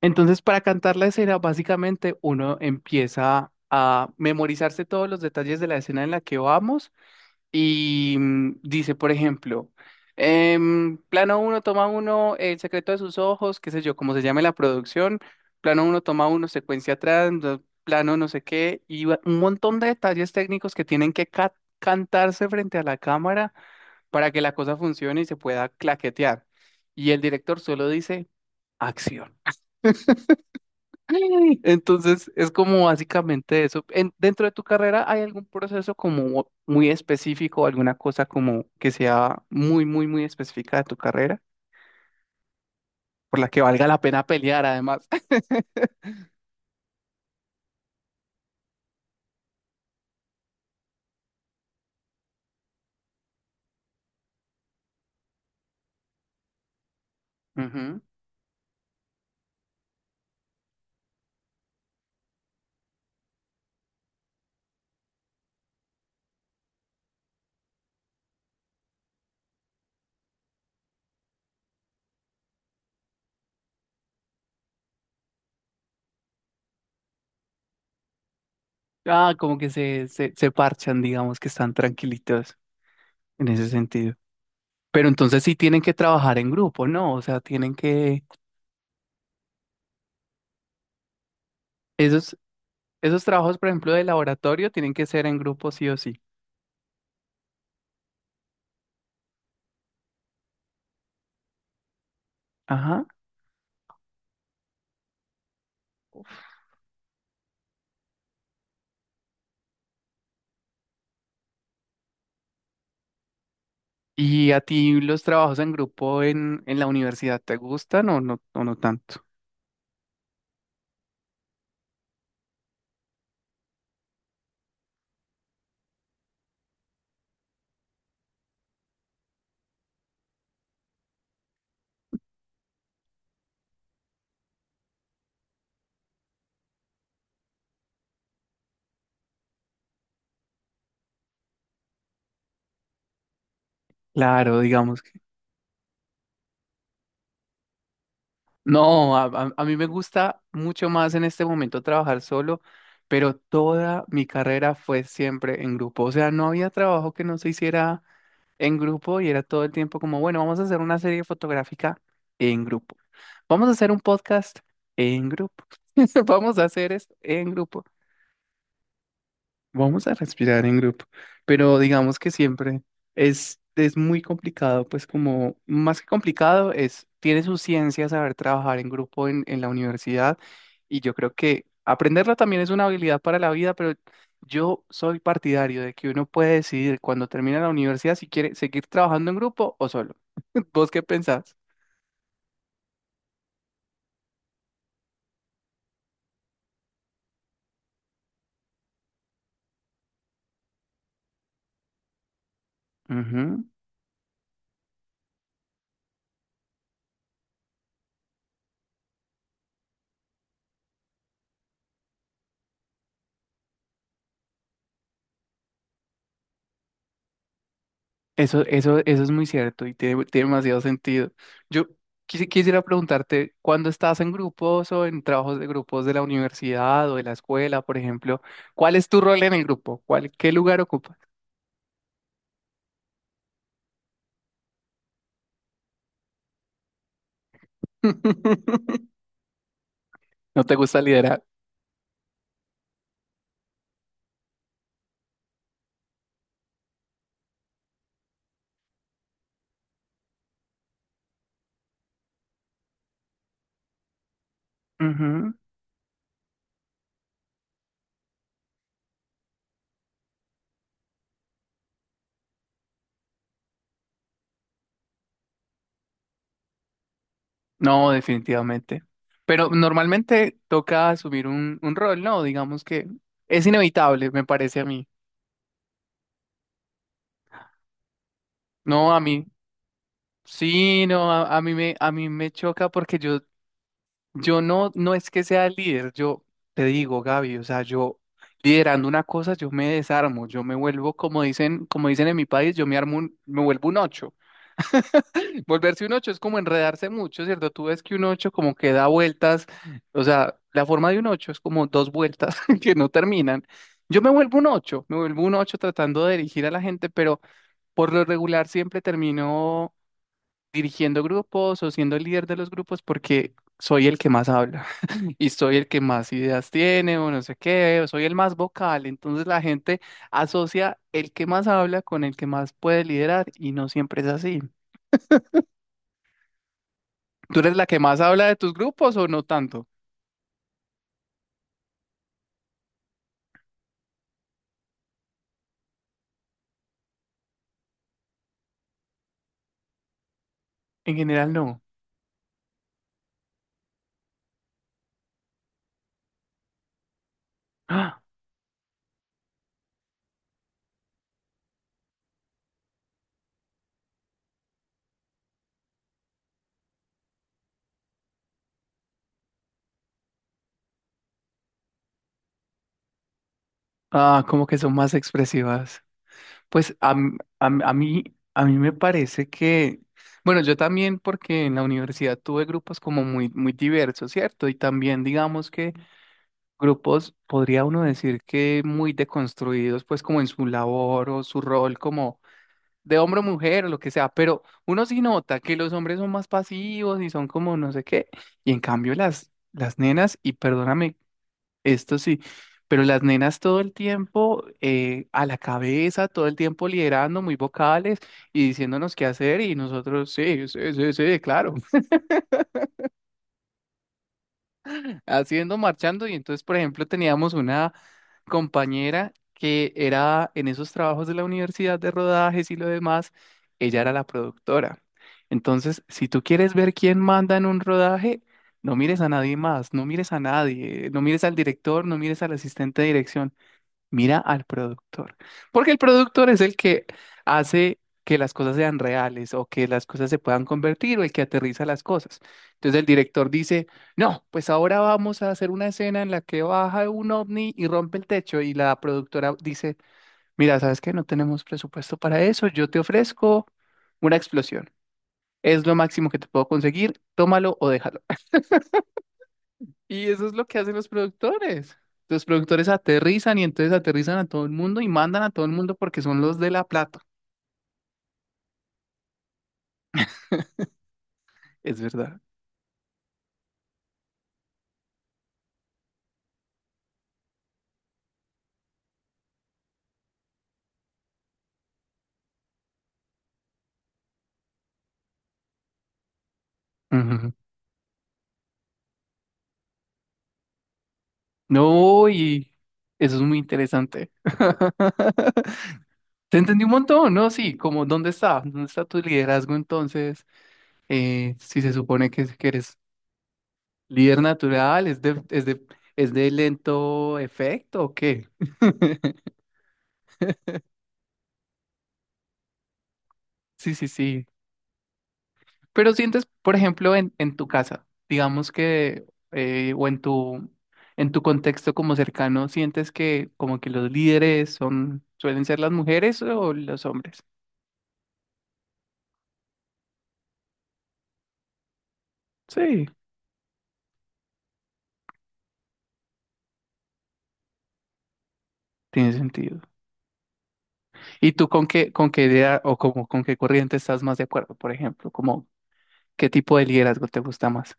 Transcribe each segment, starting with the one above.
Entonces, para cantar la escena, básicamente uno empieza a memorizarse todos los detalles de la escena en la que vamos y dice, por ejemplo, plano uno, toma uno, el secreto de sus ojos, qué sé yo, como se llame la producción, plano uno, toma uno, secuencia atrás, plano no sé qué, y un montón de detalles técnicos que tienen que cantarse frente a la cámara para que la cosa funcione y se pueda claquetear. Y el director solo dice, acción. Entonces, es como básicamente eso. Dentro de tu carrera, ¿hay algún proceso como muy específico, alguna cosa como que sea muy, muy, muy específica de tu carrera, por la que valga la pena pelear además? Ujú. Ah, como que se parchan, digamos que están tranquilitos en ese sentido. Pero entonces sí tienen que trabajar en grupo, ¿no? O sea, tienen que... Esos, esos trabajos, por ejemplo, de laboratorio, tienen que ser en grupo sí o sí. Ajá. ¿Y a ti los trabajos en grupo en la universidad te gustan o no tanto? Claro, digamos que... No, a mí me gusta mucho más en este momento trabajar solo, pero toda mi carrera fue siempre en grupo. O sea, no había trabajo que no se hiciera en grupo y era todo el tiempo como, bueno, vamos a hacer una serie fotográfica en grupo. Vamos a hacer un podcast en grupo. Vamos a hacer esto en grupo. Vamos a respirar en grupo, pero digamos que siempre es muy complicado, pues como más que complicado es, tiene su ciencia saber trabajar en grupo en la universidad y yo creo que aprenderlo también es una habilidad para la vida, pero yo soy partidario de que uno puede decidir cuando termina la universidad si quiere seguir trabajando en grupo o solo. ¿Vos qué pensás? Ujú. Eso es muy cierto y tiene, tiene demasiado sentido. Yo quisiera preguntarte, cuando estás en grupos o en trabajos de grupos de la universidad o de la escuela, por ejemplo, ¿cuál es tu rol en el grupo? ¿Cuál, qué lugar ocupas? ¿No te gusta liderar? Ujú. No, definitivamente. Pero normalmente toca asumir un rol, ¿no? Digamos que es inevitable, me parece a mí. No, a mí. Sí, no, a mí me, a mí me choca porque yo. Yo no, no es que sea el líder, yo te digo, Gaby, o sea, yo liderando una cosa, yo me desarmo, yo me vuelvo, como dicen en mi país, yo me armo me vuelvo un ocho. Volverse un ocho es como enredarse mucho, ¿cierto? Tú ves que un ocho como que da vueltas, o sea, la forma de un ocho es como dos vueltas que no terminan. Yo me vuelvo un ocho, me vuelvo un ocho tratando de dirigir a la gente, pero por lo regular siempre termino dirigiendo grupos o siendo el líder de los grupos porque soy el que más habla y soy el que más ideas tiene o no sé qué, o soy el más vocal. Entonces la gente asocia el que más habla con el que más puede liderar y no siempre es así. ¿Tú eres la que más habla de tus grupos o no tanto? En general no. Ah, como que son más expresivas. Pues a mí me parece que, bueno, yo también porque en la universidad tuve grupos como muy, muy diversos, ¿cierto? Y también digamos que... grupos, podría uno decir que muy deconstruidos, pues como en su labor o su rol como de hombre o mujer o lo que sea, pero uno sí nota que los hombres son más pasivos y son como no sé qué, y en cambio las nenas, y perdóname, esto sí, pero las nenas todo el tiempo a la cabeza, todo el tiempo liderando, muy vocales y diciéndonos qué hacer, y nosotros sí, sí, sí, sí, claro. Haciendo, marchando. Y entonces, por ejemplo, teníamos una compañera que era en esos trabajos de la universidad de rodajes y lo demás, ella era la productora. Entonces, si tú quieres ver quién manda en un rodaje, no mires a nadie más, no mires a nadie, no mires al director, no mires al asistente de dirección. Mira al productor, porque el productor es el que hace que las cosas sean reales o que las cosas se puedan convertir o el que aterriza las cosas. Entonces el director dice, no, pues ahora vamos a hacer una escena en la que baja un ovni y rompe el techo y la productora dice, mira, ¿sabes qué? No tenemos presupuesto para eso, yo te ofrezco una explosión. Es lo máximo que te puedo conseguir, tómalo o déjalo. Y eso es lo que hacen los productores. Los productores aterrizan y entonces aterrizan a todo el mundo y mandan a todo el mundo porque son los de la plata. Es verdad. Ujú. No, y eso es muy interesante. Te entendí un montón, ¿no? Sí, como ¿dónde está? ¿Dónde está tu liderazgo entonces? Si se supone que eres líder natural, ¿es de, es de lento efecto o qué? Sí, sí, sí. Pero sientes, por ejemplo, en tu casa, digamos que, o en tu contexto como cercano, ¿sientes que como que los líderes son, suelen ser las mujeres o los hombres? Sí, tiene sentido. ¿Y tú con qué idea o como, con qué corriente estás más de acuerdo, por ejemplo? Como, ¿qué tipo de liderazgo te gusta más?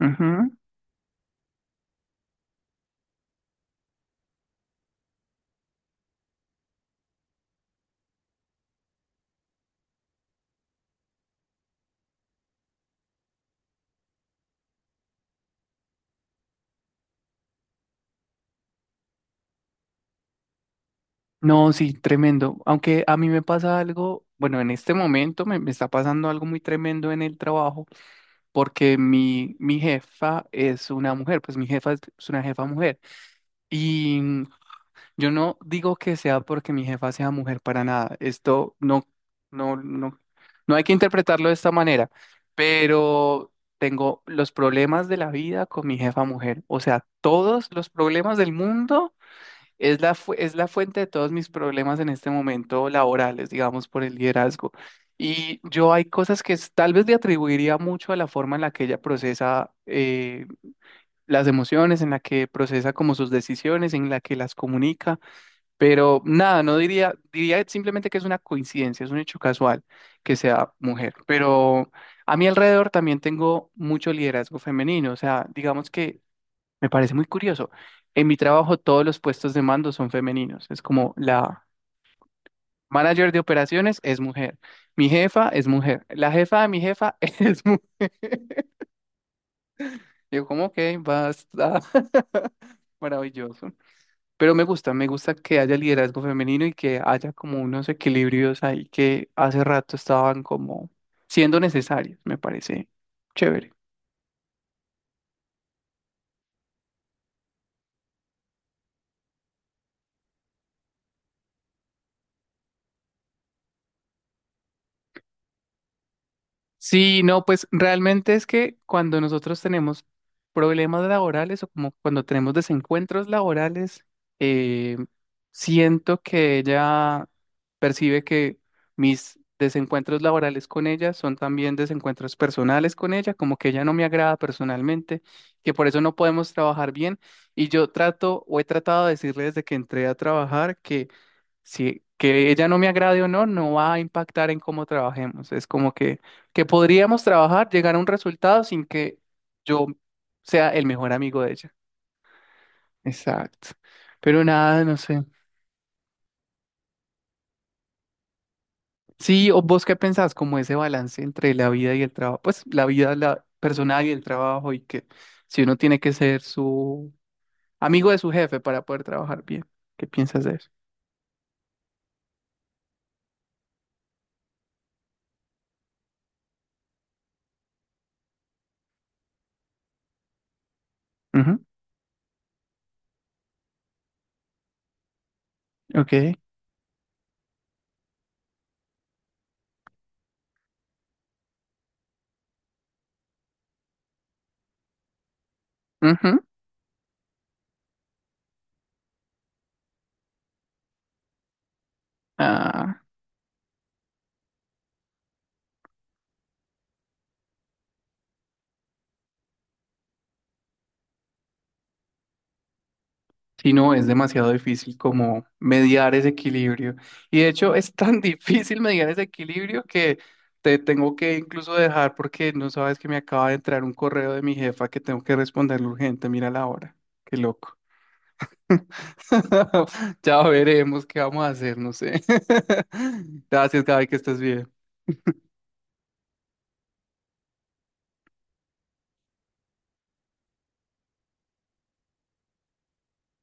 Ujú. No, sí, tremendo. Aunque a mí me pasa algo, bueno, en este momento me, me está pasando algo muy tremendo en el trabajo porque mi jefa es una mujer, pues mi jefa es una jefa mujer. Y yo no digo que sea porque mi jefa sea mujer para nada. Esto no, no, no, no hay que interpretarlo de esta manera, pero tengo los problemas de la vida con mi jefa mujer. O sea, todos los problemas del mundo. Es la, es la fuente de todos mis problemas en este momento laborales, digamos, por el liderazgo. Y yo hay cosas que tal vez le atribuiría mucho a la forma en la que ella procesa las emociones, en la que procesa como sus decisiones, en la que las comunica, pero nada, no diría, diría simplemente que es una coincidencia, es un hecho casual que sea mujer. Pero a mi alrededor también tengo mucho liderazgo femenino, o sea, digamos que... Me parece muy curioso. En mi trabajo todos los puestos de mando son femeninos. Es como la manager de operaciones es mujer, mi jefa es mujer, la jefa de mi jefa es mujer. Yo como, ok, basta, maravilloso. Pero me gusta que haya liderazgo femenino y que haya como unos equilibrios ahí que hace rato estaban como siendo necesarios, me parece chévere. Sí, no, pues realmente es que cuando nosotros tenemos problemas laborales o como cuando tenemos desencuentros laborales, eh, siento que ella percibe que mis desencuentros laborales con ella son también desencuentros personales con ella, como que ella no me agrada personalmente, que por eso no podemos trabajar bien. Y yo trato o he tratado de decirle desde que entré a trabajar que si que ella no me agrade o no, no va a impactar en cómo trabajemos. Es como que podríamos trabajar, llegar a un resultado sin que yo sea el mejor amigo de ella. Exacto. Pero nada, no sé. Sí, o vos qué pensás, como ese balance entre la vida y el trabajo, pues la vida la personal y el trabajo y que si uno tiene que ser su amigo de su jefe para poder trabajar bien. ¿Qué piensas de eso? Ujú, ok. Ujú, ah. Si no, es demasiado difícil como mediar ese equilibrio. Y de hecho es tan difícil mediar ese equilibrio que te tengo que incluso dejar porque no sabes que me acaba de entrar un correo de mi jefa que tengo que responderle urgente. Mira la hora. Qué loco. Ya veremos qué vamos a hacer, no sé. Gracias, Gaby, que estés bien.